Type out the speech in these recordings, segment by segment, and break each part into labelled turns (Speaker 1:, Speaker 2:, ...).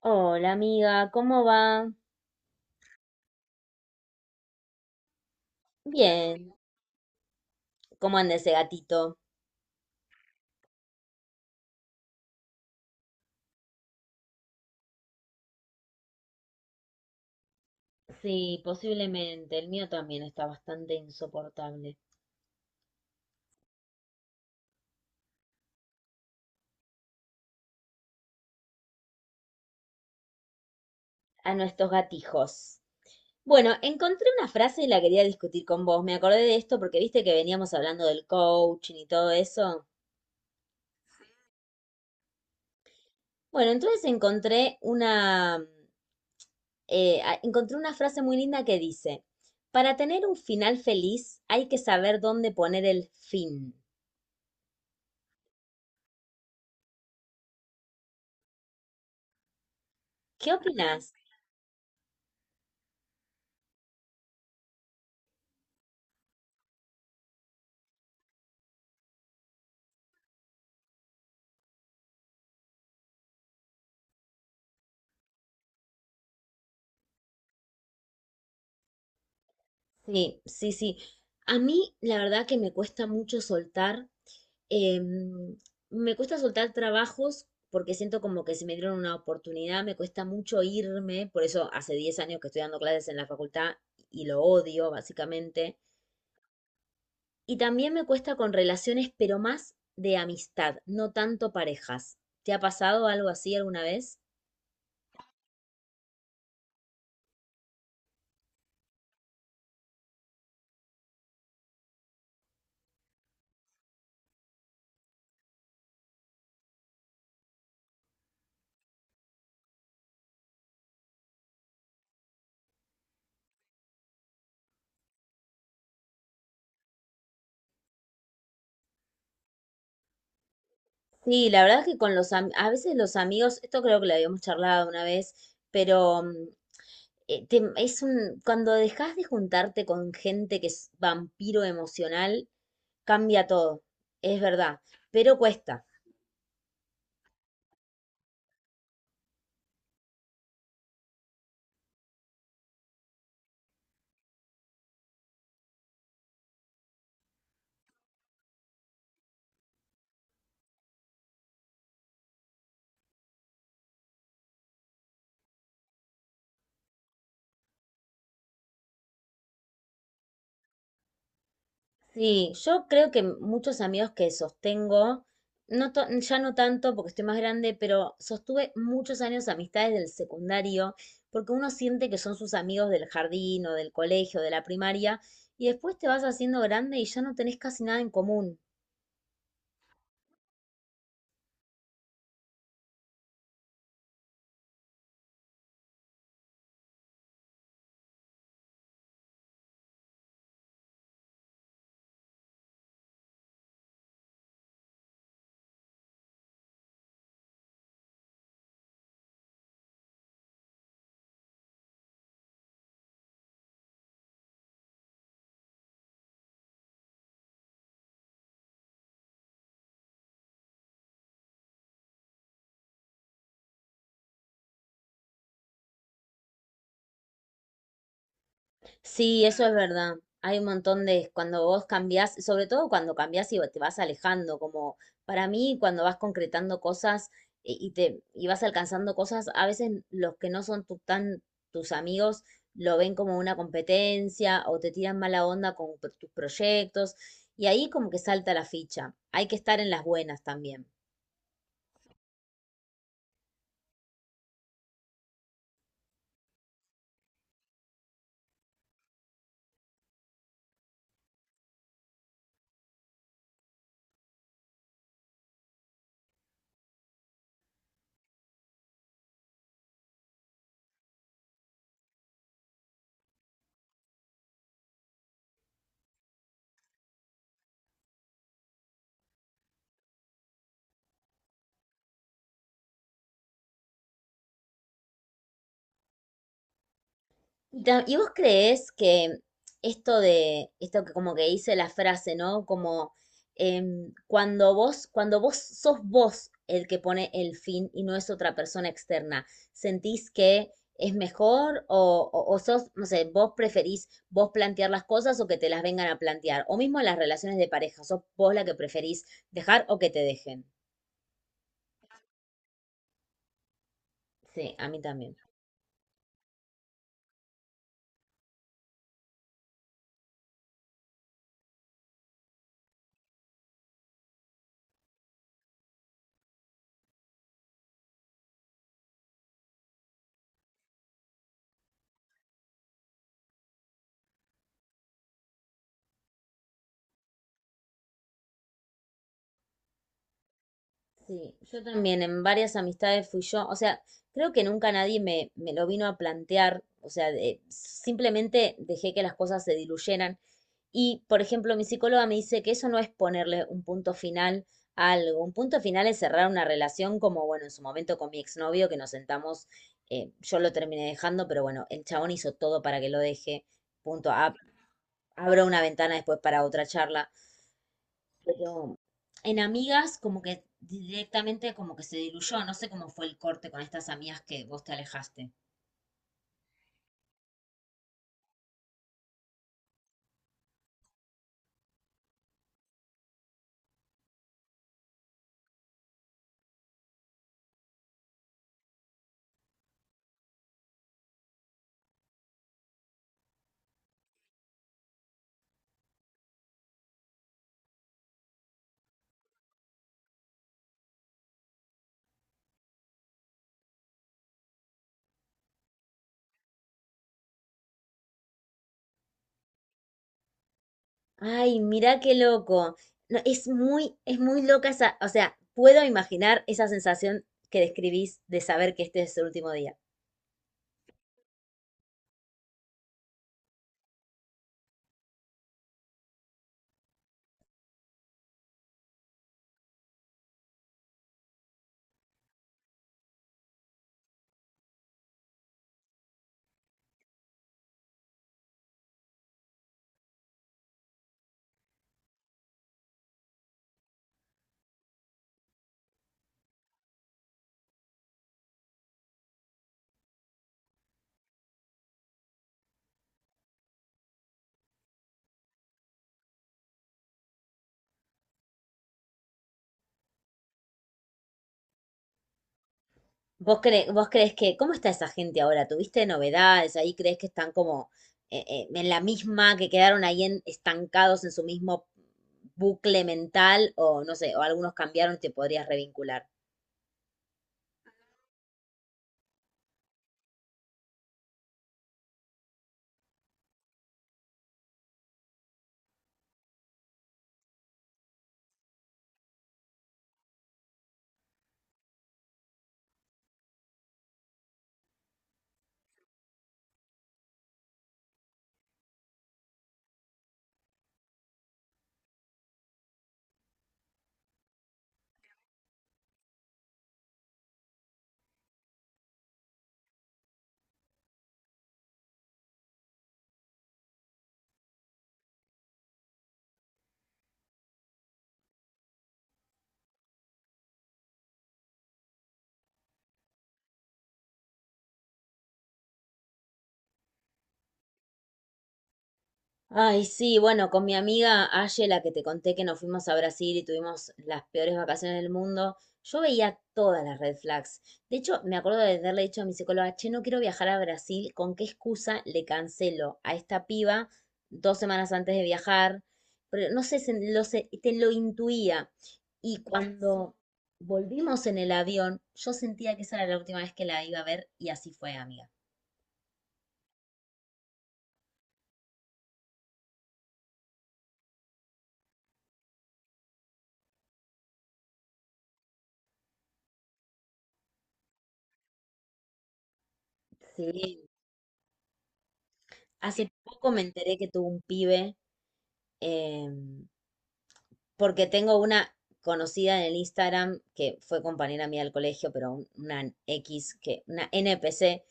Speaker 1: Hola amiga, ¿cómo va? Bien, ¿cómo anda ese gatito? Sí, posiblemente. El mío también está bastante insoportable. A nuestros gatijos. Bueno, encontré una frase y la quería discutir con vos. Me acordé de esto porque viste que veníamos hablando del coaching y todo eso. Bueno, entonces encontré una, encontré una frase muy linda que dice, para tener un final feliz hay que saber dónde poner el fin. ¿Qué opinás? Sí, sí, sí. A mí la verdad que me cuesta mucho soltar, em, me cuesta soltar trabajos porque siento como que si me dieron una oportunidad, me cuesta mucho irme, por eso hace 10 años que estoy dando clases en la facultad y lo odio básicamente. Y también me cuesta con relaciones, pero más de amistad, no tanto parejas. ¿Te ha pasado algo así alguna vez? Sí, la verdad es que con a veces los amigos, esto creo que lo habíamos charlado una vez, pero es un, cuando dejas de juntarte con gente que es vampiro emocional, cambia todo, es verdad, pero cuesta. Sí, yo creo que muchos amigos que sostengo, ya no tanto porque estoy más grande, pero sostuve muchos años amistades del secundario, porque uno siente que son sus amigos del jardín o del colegio, de la primaria, y después te vas haciendo grande y ya no tenés casi nada en común. Sí, eso es verdad. Hay un montón de, cuando vos cambiás, sobre todo cuando cambiás y te vas alejando, como para mí cuando vas concretando cosas y vas alcanzando cosas, a veces los que no son tu- tan tus amigos lo ven como una competencia o te tiran mala onda con tus proyectos y ahí como que salta la ficha. Hay que estar en las buenas también. ¿Y vos creés que esto de, esto que como que dice la frase, ¿no? Como cuando vos sos vos el que pone el fin y no es otra persona externa, ¿sentís que es mejor o sos, no sé, vos preferís vos plantear las cosas o que te las vengan a plantear? O mismo en las relaciones de pareja, ¿sos vos la que preferís dejar o que te dejen? Sí, a mí también. Sí, yo también en varias amistades fui yo, o sea, creo que nunca nadie me, me lo vino a plantear, o sea, simplemente dejé que las cosas se diluyeran. Y, por ejemplo, mi psicóloga me dice que eso no es ponerle un punto final a algo, un punto final es cerrar una relación como, bueno, en su momento con mi exnovio, que nos sentamos, yo lo terminé dejando, pero bueno, el chabón hizo todo para que lo deje, punto, ab- abro una ventana después para otra charla pero en amigas como que directamente como que se diluyó, no sé cómo fue el corte con estas amigas que vos te alejaste. Ay, mirá qué loco. No, es muy loca esa, o sea, puedo imaginar esa sensación que describís de saber que este es el último día. Vos crees que, cómo está esa gente ahora? ¿Tuviste novedades ahí? ¿Crees que están como en la misma, que quedaron estancados en su mismo bucle mental? O no sé, o algunos cambiaron y te podrías revincular. Ay, sí, bueno, con mi amiga Aye, la que te conté que nos fuimos a Brasil y tuvimos las peores vacaciones del mundo, yo veía todas las red flags. De hecho, me acuerdo de haberle dicho a mi psicóloga, che, no quiero viajar a Brasil, ¿con qué excusa le cancelo a esta piba dos semanas antes de viajar? Pero no sé, te lo intuía. Y cuando volvimos en el avión, yo sentía que esa era la última vez que la iba a ver y así fue, amiga. Sí, hace poco me enteré que tuvo un pibe. em, Porque tengo una conocida en el Instagram que fue compañera mía del colegio, pero una X, que, una NPC.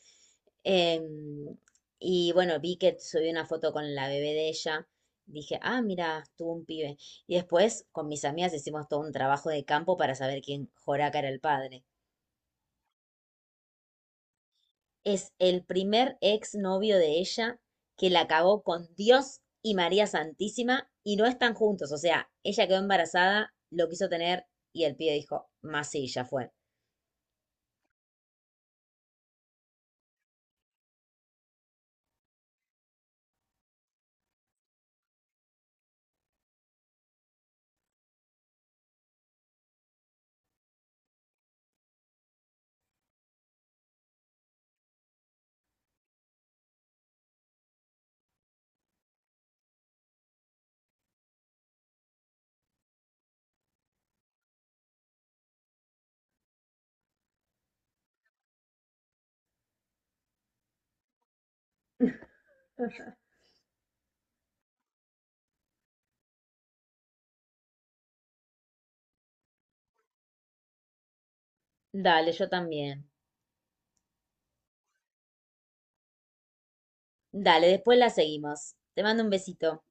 Speaker 1: em, y bueno, vi que subí una foto con la bebé de ella. Dije, ah, mira, tuvo un pibe. Y después con mis amigas hicimos todo un trabajo de campo para saber quién Joraca era el padre. Es el primer exnovio de ella que la cagó con Dios y María Santísima y no están juntos. O sea, ella quedó embarazada, lo quiso tener y el pibe dijo, más sí, ya fue. Dale, yo también. Dale, después la seguimos. Te mando un besito.